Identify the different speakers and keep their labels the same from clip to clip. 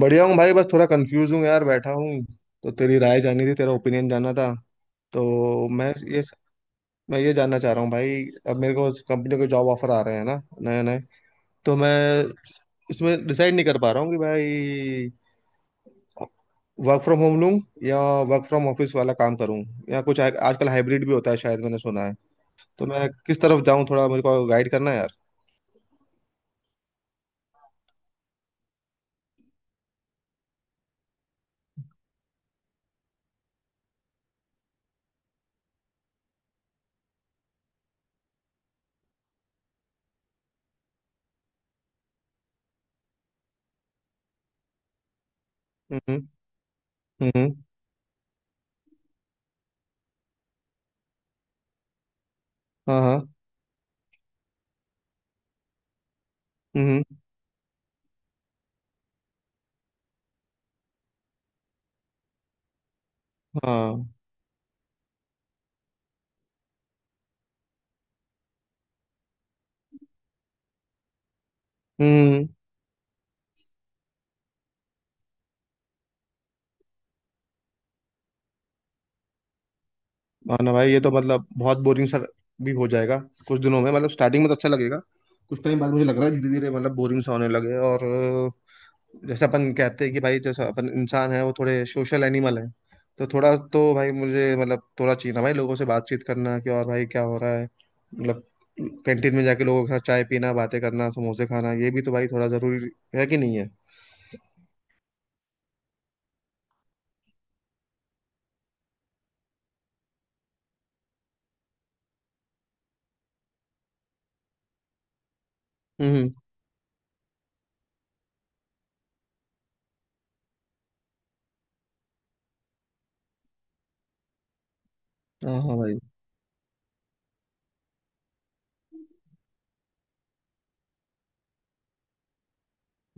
Speaker 1: बढ़िया हूँ भाई, बस थोड़ा कंफ्यूज हूँ यार, बैठा हूँ। तो तेरी राय जाननी थी, तेरा ओपिनियन जानना था। तो मैं ये जानना चाह रहा हूँ भाई। अब मेरे को कंपनी के जॉब ऑफर आ रहे हैं ना, नए नए। तो मैं इसमें डिसाइड नहीं कर पा रहा हूँ कि भाई वर्क फ्रॉम होम लूँ, या वर्क फ्रॉम ऑफिस वाला काम करूँ, या कुछ आजकल हाइब्रिड भी होता है शायद, मैंने सुना है। तो मैं किस तरफ जाऊँ, थोड़ा मेरे को गाइड करना है यार। हम्म। हम्म। हाँ हाँ। हम्म। हाँ। हम्म। हाँ ना भाई, ये तो मतलब बहुत बोरिंग सा भी हो जाएगा कुछ दिनों में। मतलब स्टार्टिंग में तो अच्छा लगेगा, कुछ टाइम बाद मुझे लग रहा है धीरे धीरे मतलब बोरिंग सा होने लगे। और जैसे अपन कहते हैं कि भाई, जैसा अपन इंसान है वो थोड़े सोशल एनिमल है। तो थोड़ा तो भाई मुझे मतलब थोड़ा चाहिए ना भाई, लोगों से बातचीत करना कि और भाई क्या हो रहा है। मतलब कैंटीन में जाके लोगों के साथ चाय पीना, बातें करना, समोसे खाना, ये भी तो भाई थोड़ा जरूरी है कि नहीं है। हम्म। हाँ हाँ भाई।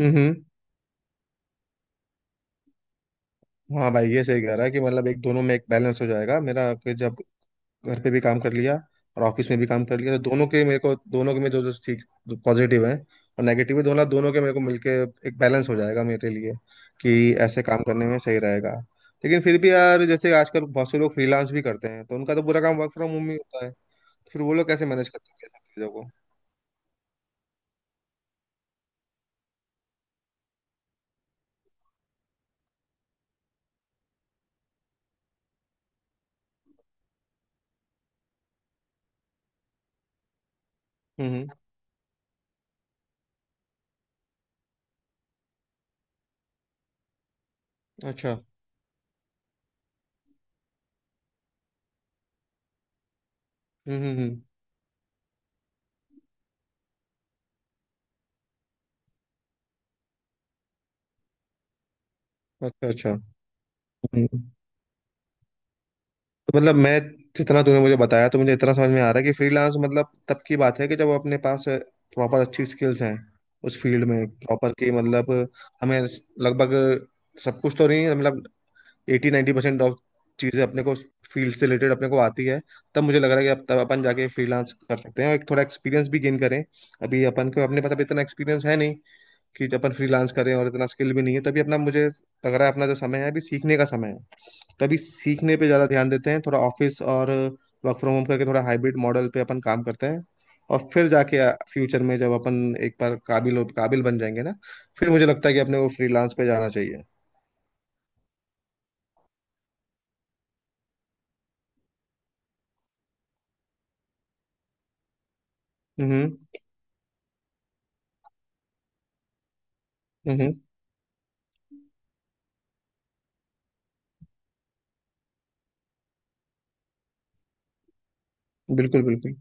Speaker 1: हम्म। हाँ भाई ये सही कह रहा है कि मतलब एक दोनों में एक बैलेंस हो जाएगा मेरा, कि जब घर पे भी काम कर लिया और ऑफिस में भी काम कर लिया, तो दोनों के मेरे को, दोनों के में जो जो ठीक पॉजिटिव है और नेगेटिव है, दोनों दोनों के मेरे को मिलके एक बैलेंस हो जाएगा मेरे लिए, कि ऐसे काम करने में सही रहेगा। लेकिन फिर भी यार, जैसे आजकल बहुत से लोग फ्रीलांस भी करते हैं, तो उनका तो पूरा काम वर्क फ्रॉम होम ही होता है। फिर वो लोग कैसे मैनेज करते हैं ये सब चीजों को? हम्म। अच्छा। हम्म। अच्छा अच्छा। हम्म। तो मतलब मैं, जितना तूने मुझे बताया, तो मुझे इतना समझ में आ रहा है कि फ्रीलांस मतलब तब की बात है कि जब अपने पास प्रॉपर अच्छी स्किल्स हैं, उस फील्ड में प्रॉपर की मतलब हमें लगभग सब कुछ तो नहीं, मतलब एटी 90% परसेंट ऑफ चीज़ें अपने को, फील्ड से रिलेटेड अपने को आती है, तब मुझे लग रहा है कि अब तब अपन जाके फ्रीलांस कर सकते हैं और एक थोड़ा एक्सपीरियंस भी गेन करें। अभी अपन को अपने पास अभी इतना एक्सपीरियंस है नहीं कि जब अपन फ्रीलांस करें, और इतना स्किल भी नहीं है, तभी अपना मुझे लग रहा है अपना जो समय है अभी सीखने का समय है। कभी सीखने पे ज़्यादा ध्यान देते हैं, थोड़ा ऑफिस और वर्क फ्रॉम होम करके थोड़ा हाइब्रिड मॉडल पे अपन काम करते हैं, और फिर जाके फ्यूचर में जब अपन एक बार काबिल काबिल बन जाएंगे ना, फिर मुझे लगता है कि अपने को फ्रीलांस पे जाना चाहिए। हम्म हम्म। बिल्कुल बिल्कुल।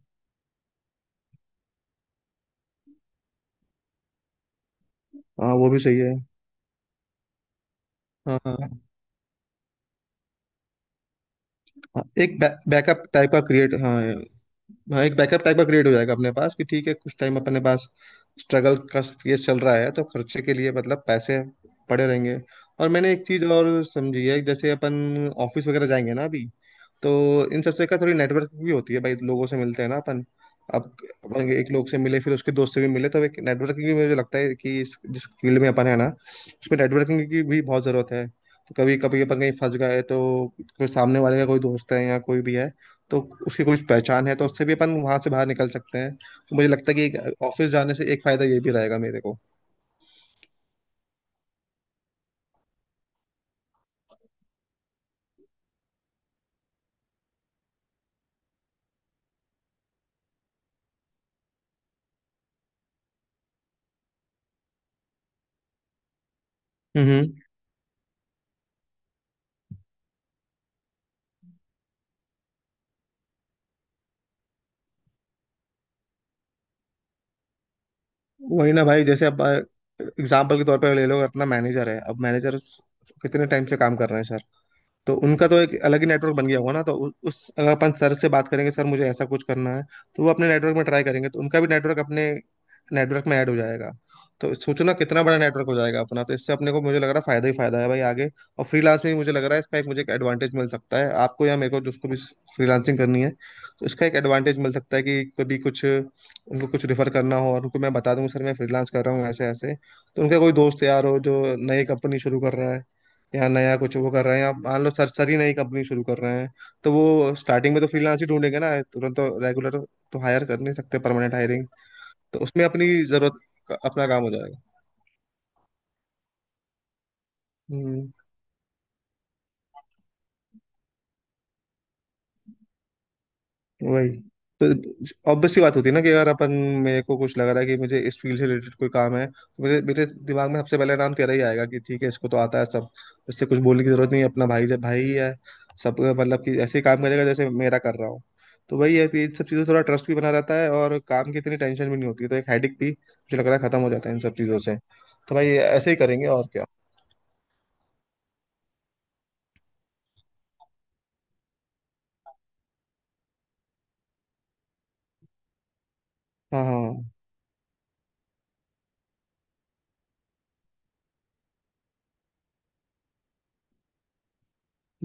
Speaker 1: हाँ वो भी सही है। हाँ हाँ। हाँ, एक बैकअप टाइप का क्रिएट, हाँ। हाँ, एक बैकअप टाइप का क्रिएट हो जाएगा अपने पास, कि ठीक है कुछ टाइम अपने पास स्ट्रगल का ये चल रहा है, तो खर्चे के लिए मतलब पैसे पड़े रहेंगे। और मैंने एक चीज़ और समझी है, जैसे अपन ऑफिस वगैरह जाएंगे ना अभी, तो इन सबसे का थोड़ी नेटवर्क भी होती है भाई, लोगों से मिलते हैं ना अपन। अब अपन एक लोग से मिले फिर उसके दोस्त से भी मिले, तो एक नेटवर्किंग भी, मुझे लगता है कि इस जिस फील्ड में अपन है ना, उसमें नेटवर्किंग की भी बहुत ज़रूरत है। तो कभी कभी अपन कहीं फंस गए तो कोई सामने वाले का कोई दोस्त है या कोई भी है, तो उसकी कोई पहचान है तो उससे भी अपन वहां से बाहर निकल सकते हैं। तो मुझे लगता है कि एक ऑफिस जाने से एक फायदा ये भी रहेगा मेरे को। हम्म। वही ना भाई, जैसे अब एग्जाम्पल के तौर पर ले लो, अपना मैनेजर है, अब मैनेजर कितने टाइम से काम कर रहे हैं सर, तो उनका तो एक अलग ही नेटवर्क बन गया होगा ना। तो उस, अगर अपन सर से बात करेंगे सर मुझे ऐसा कुछ करना है, तो वो अपने नेटवर्क में ट्राई करेंगे, तो उनका भी नेटवर्क अपने नेटवर्क में ऐड हो जाएगा। तो सोचो ना कितना बड़ा नेटवर्क हो जाएगा अपना, तो इससे अपने को मुझे लग रहा है फायदा ही फायदा है भाई आगे। और फ्रीलांस में भी मुझे लग रहा है इसका एक, मुझे एक एडवांटेज मिल सकता है, आपको या मेरे को, जिसको भी फ्रीलांसिंग करनी है, तो इसका एक एडवांटेज मिल सकता है कि कभी कुछ उनको कुछ रिफर करना हो, और उनको मैं बता दूंगा सर मैं फ्रीलांस कर रहा हूँ ऐसे ऐसे, तो उनका कोई दोस्त यार हो जो नई कंपनी शुरू कर रहा है, या नया कुछ वो कर रहे हैं, आप मान लो सर, सर ही नई कंपनी शुरू कर रहे हैं, तो वो स्टार्टिंग में तो फ्रीलांस ही ढूंढेंगे ना, तुरंत तो रेगुलर तो हायर कर नहीं सकते परमानेंट हायरिंग। तो उसमें अपनी जरूरत का, अपना काम हो जाएगा। हम्म। वही तो, ऑब्वियस सी बात होती है ना कि अगर अपन, मेरे को कुछ लग रहा है कि मुझे इस फील्ड से रिलेटेड कोई काम है, तो मुझे मेरे दिमाग में सबसे पहले नाम तेरा ही आएगा, कि ठीक है इसको तो आता है सब, इससे कुछ बोलने की जरूरत नहीं है अपना भाई, जब भाई ही है सब, मतलब कि ऐसे ही काम करेगा जैसे मेरा कर रहा हूँ। तो वही है कि इन सब चीज़ों से थोड़ा ट्रस्ट भी बना रहता है, और काम की इतनी टेंशन भी नहीं होती, तो एक हेडिक भी मुझे लग रहा है खत्म हो जाता है इन सब चीज़ों से। तो भाई ऐसे ही करेंगे और क्या। हाँ हाँ।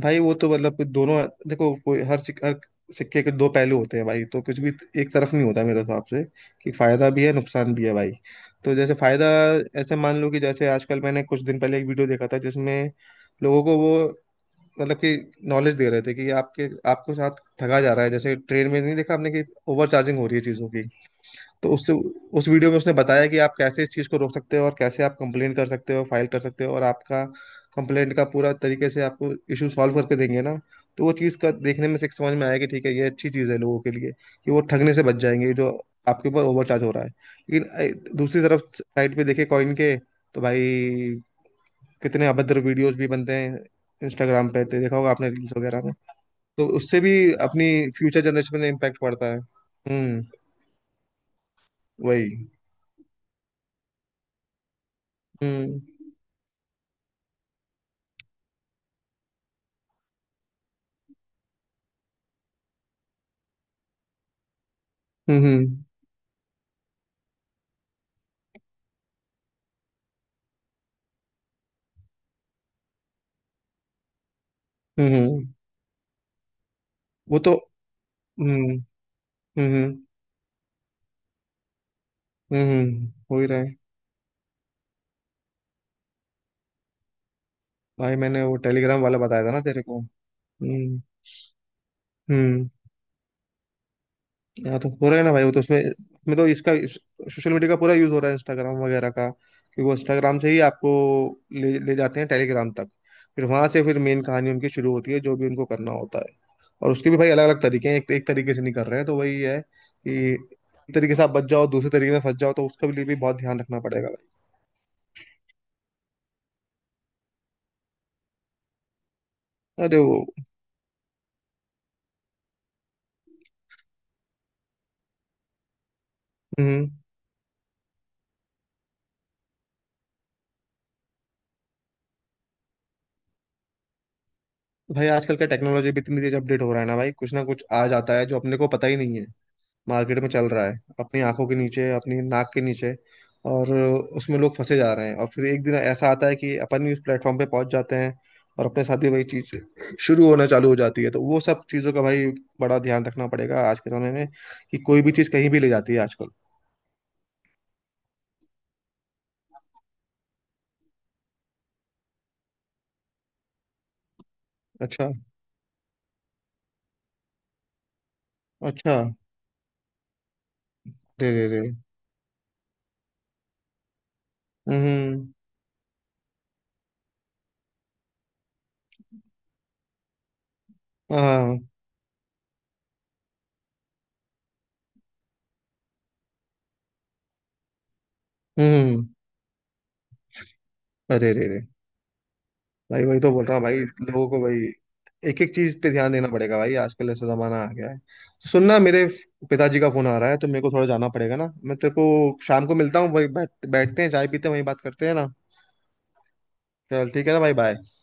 Speaker 1: भाई वो तो मतलब कुछ दोनों, देखो कोई हर सिक्के के दो पहलू होते हैं भाई, तो कुछ भी एक तरफ नहीं होता मेरे हिसाब से, कि फायदा भी है नुकसान भी है भाई। तो जैसे फायदा, ऐसे मान लो कि जैसे आजकल मैंने कुछ दिन पहले एक वीडियो देखा था, जिसमें लोगों को वो, मतलब कि नॉलेज दे रहे थे कि आपके आपको साथ ठगा जा रहा है। जैसे ट्रेन में नहीं देखा आपने कि ओवर चार्जिंग हो रही है चीज़ों की, तो उससे, उस वीडियो में उसने बताया कि आप कैसे इस चीज़ को रोक सकते हो, और कैसे आप कंप्लेन कर सकते हो, फाइल कर सकते हो, और आपका कंप्लेंट का पूरा तरीके से आपको इशू सॉल्व करके देंगे ना। तो वो चीज़ का देखने में से एक समझ में आया कि ठीक है ये अच्छी चीज़ है लोगों के लिए, कि वो ठगने से बच जाएंगे जो आपके ऊपर ओवरचार्ज हो रहा है। लेकिन दूसरी तरफ साइड पे देखे कॉइन के, तो भाई कितने अभद्र वीडियोस भी बनते हैं। इंस्टाग्राम पे तो देखा होगा आपने रील्स वगैरह में, तो उससे भी अपनी फ्यूचर जनरेशन में इम्पैक्ट पड़ता है। हम्म। वही। हम्म हम्म हम्म। वो तो। हम्म हम्म हम्म। हो ही रहा है। भाई मैंने वो टेलीग्राम वाला बताया था ना तेरे को। हम्म हम्म। यहाँ तो हो रहा है ना भाई, वो तो उसमें, तो इसका सोशल मीडिया का पूरा यूज हो रहा है, इंस्टाग्राम वगैरह का, क्योंकि वो इंस्टाग्राम से ही आपको ले ले जाते हैं टेलीग्राम तक। फिर वहां से फिर मेन कहानी उनकी शुरू होती है, जो भी उनको करना होता है। और उसके भी भाई अलग अलग तरीके हैं, एक, एक तरीके से नहीं कर रहे हैं, तो वही है कि एक तरीके से आप बच जाओ, दूसरे तरीके में फंस जाओ, तो उसका भी लिए भी बहुत ध्यान रखना पड़ेगा। भाई अरे वो। हम्म। भाई आजकल का टेक्नोलॉजी भी इतनी तेज अपडेट हो रहा है ना भाई, कुछ ना कुछ आ जाता है जो अपने को पता ही नहीं है, मार्केट में चल रहा है अपनी आंखों के नीचे अपनी नाक के नीचे, और उसमें लोग फंसे जा रहे हैं, और फिर एक दिन ऐसा आता है कि अपन भी उस प्लेटफॉर्म पे पहुंच जाते हैं, और अपने साथ ही वही चीज शुरू होना चालू हो जाती है। तो वो सब चीजों का भाई बड़ा ध्यान रखना पड़ेगा आज के समय में, कि कोई भी चीज कहीं भी ले जाती है आजकल। अच्छा अच्छा। रे रे रे। हम्म। हाँ। हम्म। अरे रे रे। भाई वही तो बोल रहा हूँ भाई, लोगों को भाई एक एक चीज पे ध्यान देना पड़ेगा भाई, आजकल ऐसा जमाना आ गया है। तो सुनना, मेरे पिताजी का फोन आ रहा है तो मेरे को थोड़ा जाना पड़ेगा ना। मैं तेरे को शाम को मिलता हूँ, वही बैठ बैठते हैं, चाय पीते हैं, वही बात करते हैं ना। चल ठीक है ना भाई, बाय।